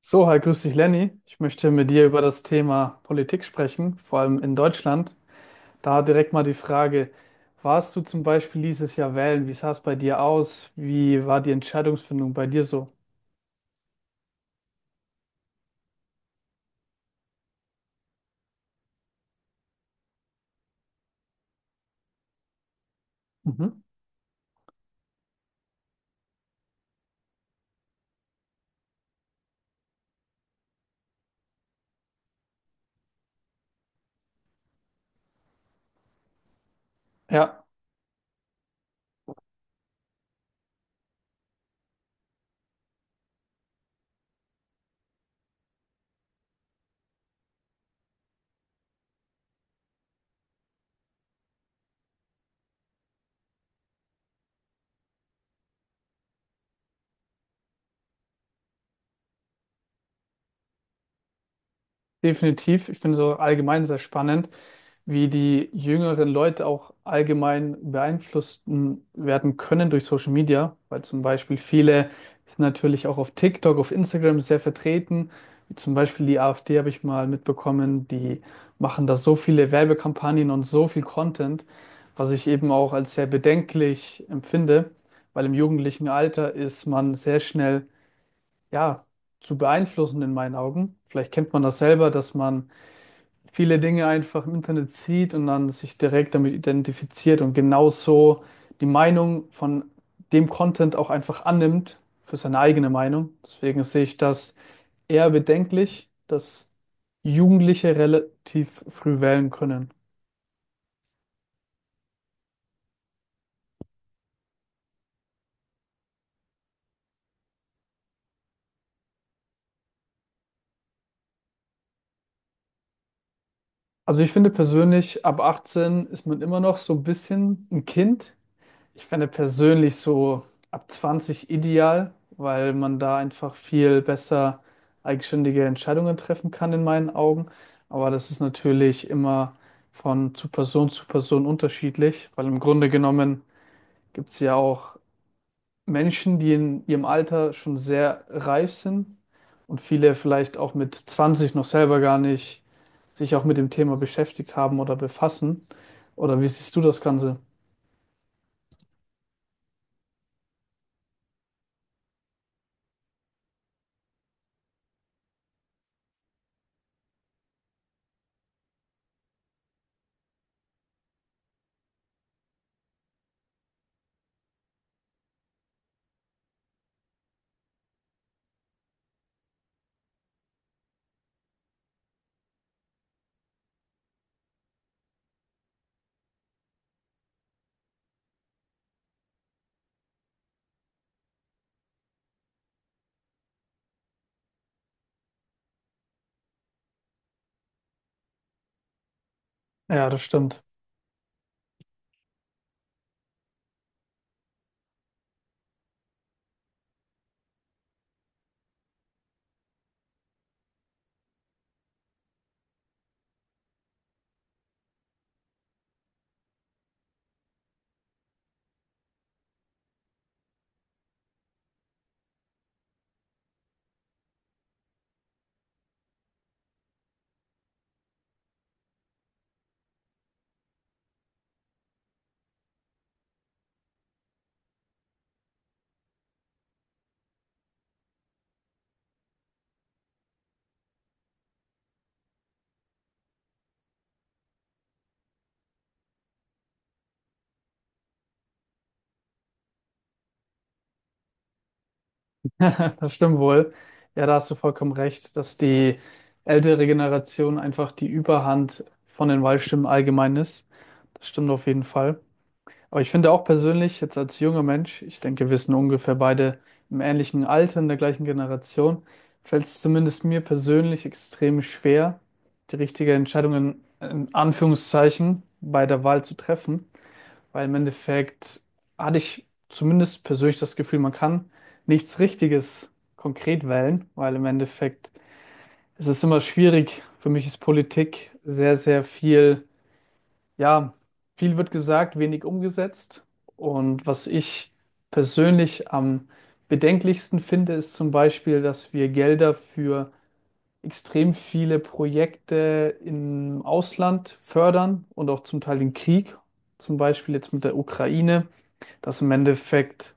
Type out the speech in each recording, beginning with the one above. So, hi, grüß dich, Lenny. Ich möchte mit dir über das Thema Politik sprechen, vor allem in Deutschland. Da direkt mal die Frage, warst du zum Beispiel dieses Jahr wählen? Wie sah es bei dir aus? Wie war die Entscheidungsfindung bei dir so? Mhm. Ja, definitiv. Ich finde es so allgemein sehr spannend, wie die jüngeren Leute auch allgemein beeinflusst werden können durch Social Media, weil zum Beispiel viele sind natürlich auch auf TikTok, auf Instagram sehr vertreten, wie zum Beispiel die AfD, habe ich mal mitbekommen, die machen da so viele Werbekampagnen und so viel Content, was ich eben auch als sehr bedenklich empfinde, weil im jugendlichen Alter ist man sehr schnell, ja, zu beeinflussen in meinen Augen. Vielleicht kennt man das selber, dass man viele Dinge einfach im Internet sieht und dann sich direkt damit identifiziert und genauso die Meinung von dem Content auch einfach annimmt für seine eigene Meinung. Deswegen sehe ich das eher bedenklich, dass Jugendliche relativ früh wählen können. Also ich finde persönlich, ab 18 ist man immer noch so ein bisschen ein Kind. Ich fände persönlich so ab 20 ideal, weil man da einfach viel besser eigenständige Entscheidungen treffen kann in meinen Augen. Aber das ist natürlich immer von zu Person unterschiedlich, weil im Grunde genommen gibt es ja auch Menschen, die in ihrem Alter schon sehr reif sind, und viele vielleicht auch mit 20 noch selber gar nicht sich auch mit dem Thema beschäftigt haben oder befassen. Oder wie siehst du das Ganze? Ja, das stimmt. Das stimmt wohl. Ja, da hast du vollkommen recht, dass die ältere Generation einfach die Überhand von den Wahlstimmen allgemein ist. Das stimmt auf jeden Fall. Aber ich finde auch persönlich, jetzt als junger Mensch, ich denke, wir sind ungefähr beide im ähnlichen Alter, in der gleichen Generation, fällt es zumindest mir persönlich extrem schwer, die richtige Entscheidung in Anführungszeichen bei der Wahl zu treffen. Weil im Endeffekt hatte ich zumindest persönlich das Gefühl, man kann nichts Richtiges konkret wählen, weil im Endeffekt ist es immer schwierig. Für mich ist Politik sehr, sehr viel, ja, viel wird gesagt, wenig umgesetzt. Und was ich persönlich am bedenklichsten finde, ist zum Beispiel, dass wir Gelder für extrem viele Projekte im Ausland fördern und auch zum Teil den Krieg, zum Beispiel jetzt mit der Ukraine. Das im Endeffekt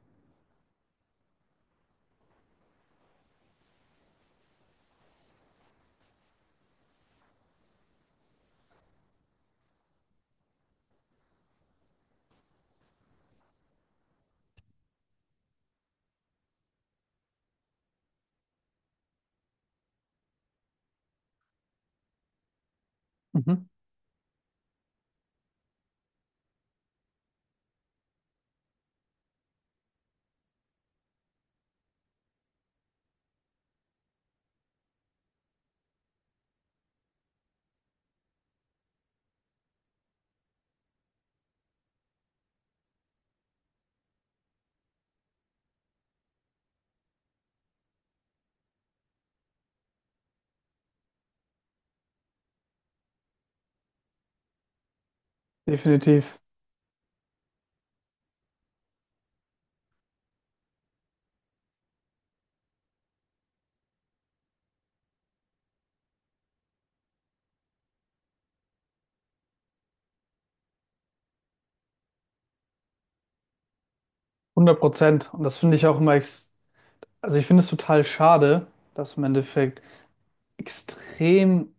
mhm. Definitiv, 100%. Und das finde ich auch immer, ex also ich finde es total schade, dass im Endeffekt extrem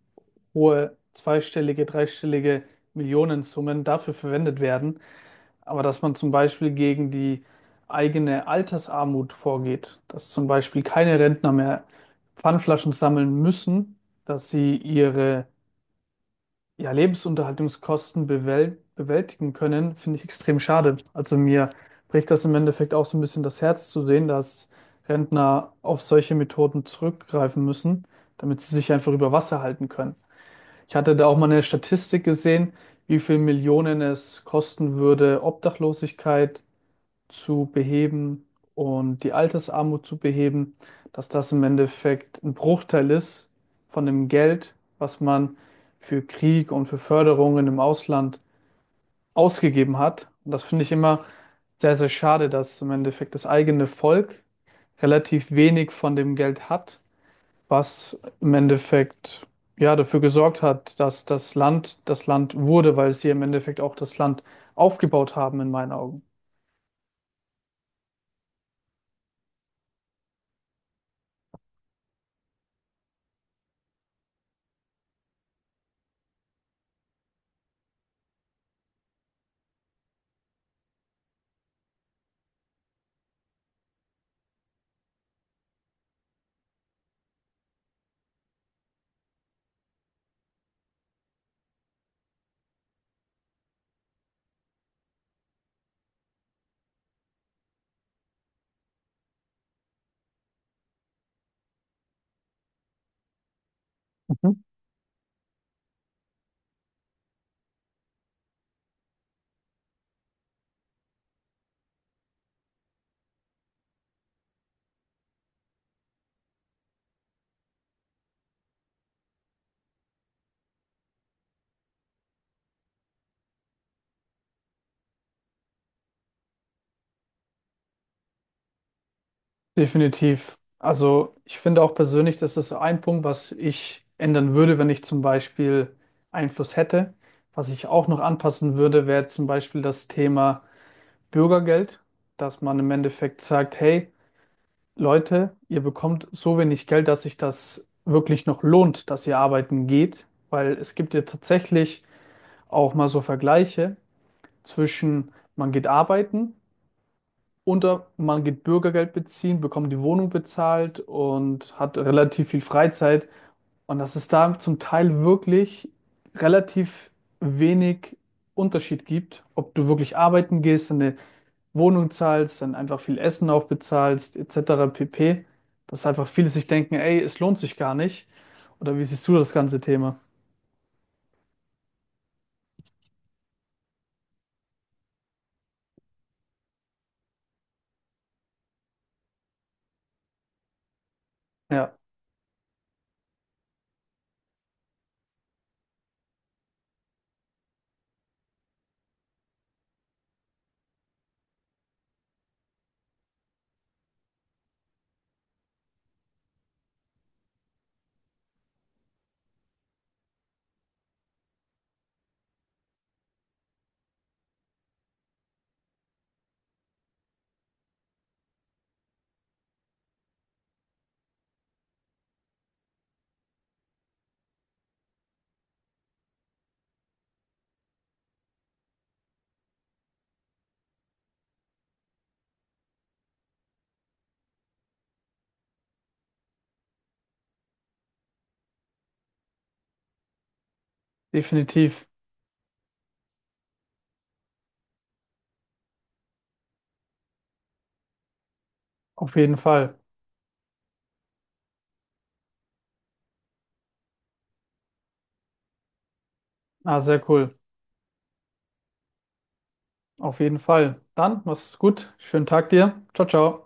hohe zweistellige, dreistellige Millionensummen dafür verwendet werden, aber dass man zum Beispiel gegen die eigene Altersarmut vorgeht, dass zum Beispiel keine Rentner mehr Pfandflaschen sammeln müssen, dass sie ihre, ja, Lebensunterhaltungskosten bewältigen können, finde ich extrem schade. Also mir bricht das im Endeffekt auch so ein bisschen das Herz zu sehen, dass Rentner auf solche Methoden zurückgreifen müssen, damit sie sich einfach über Wasser halten können. Ich hatte da auch mal eine Statistik gesehen, wie viel Millionen es kosten würde, Obdachlosigkeit zu beheben und die Altersarmut zu beheben, dass das im Endeffekt ein Bruchteil ist von dem Geld, was man für Krieg und für Förderungen im Ausland ausgegeben hat. Und das finde ich immer sehr, sehr schade, dass im Endeffekt das eigene Volk relativ wenig von dem Geld hat, was im Endeffekt ja dafür gesorgt hat, dass das Land wurde, weil sie im Endeffekt auch das Land aufgebaut haben, in meinen Augen. Definitiv. Also ich finde auch persönlich, das ist ein Punkt, was ich ändern würde, wenn ich zum Beispiel Einfluss hätte. Was ich auch noch anpassen würde, wäre zum Beispiel das Thema Bürgergeld, dass man im Endeffekt sagt, hey Leute, ihr bekommt so wenig Geld, dass sich das wirklich noch lohnt, dass ihr arbeiten geht, weil es gibt ja tatsächlich auch mal so Vergleiche zwischen, man geht arbeiten unter, man geht Bürgergeld beziehen, bekommt die Wohnung bezahlt und hat relativ viel Freizeit. Und dass es da zum Teil wirklich relativ wenig Unterschied gibt, ob du wirklich arbeiten gehst, eine Wohnung zahlst, dann einfach viel Essen auch bezahlst, etc. pp. Dass einfach viele sich denken, ey, es lohnt sich gar nicht. Oder wie siehst du das ganze Thema? Ja, definitiv. Auf jeden Fall. Ah, sehr cool. Auf jeden Fall. Dann, mach's gut. Schönen Tag dir. Ciao, ciao.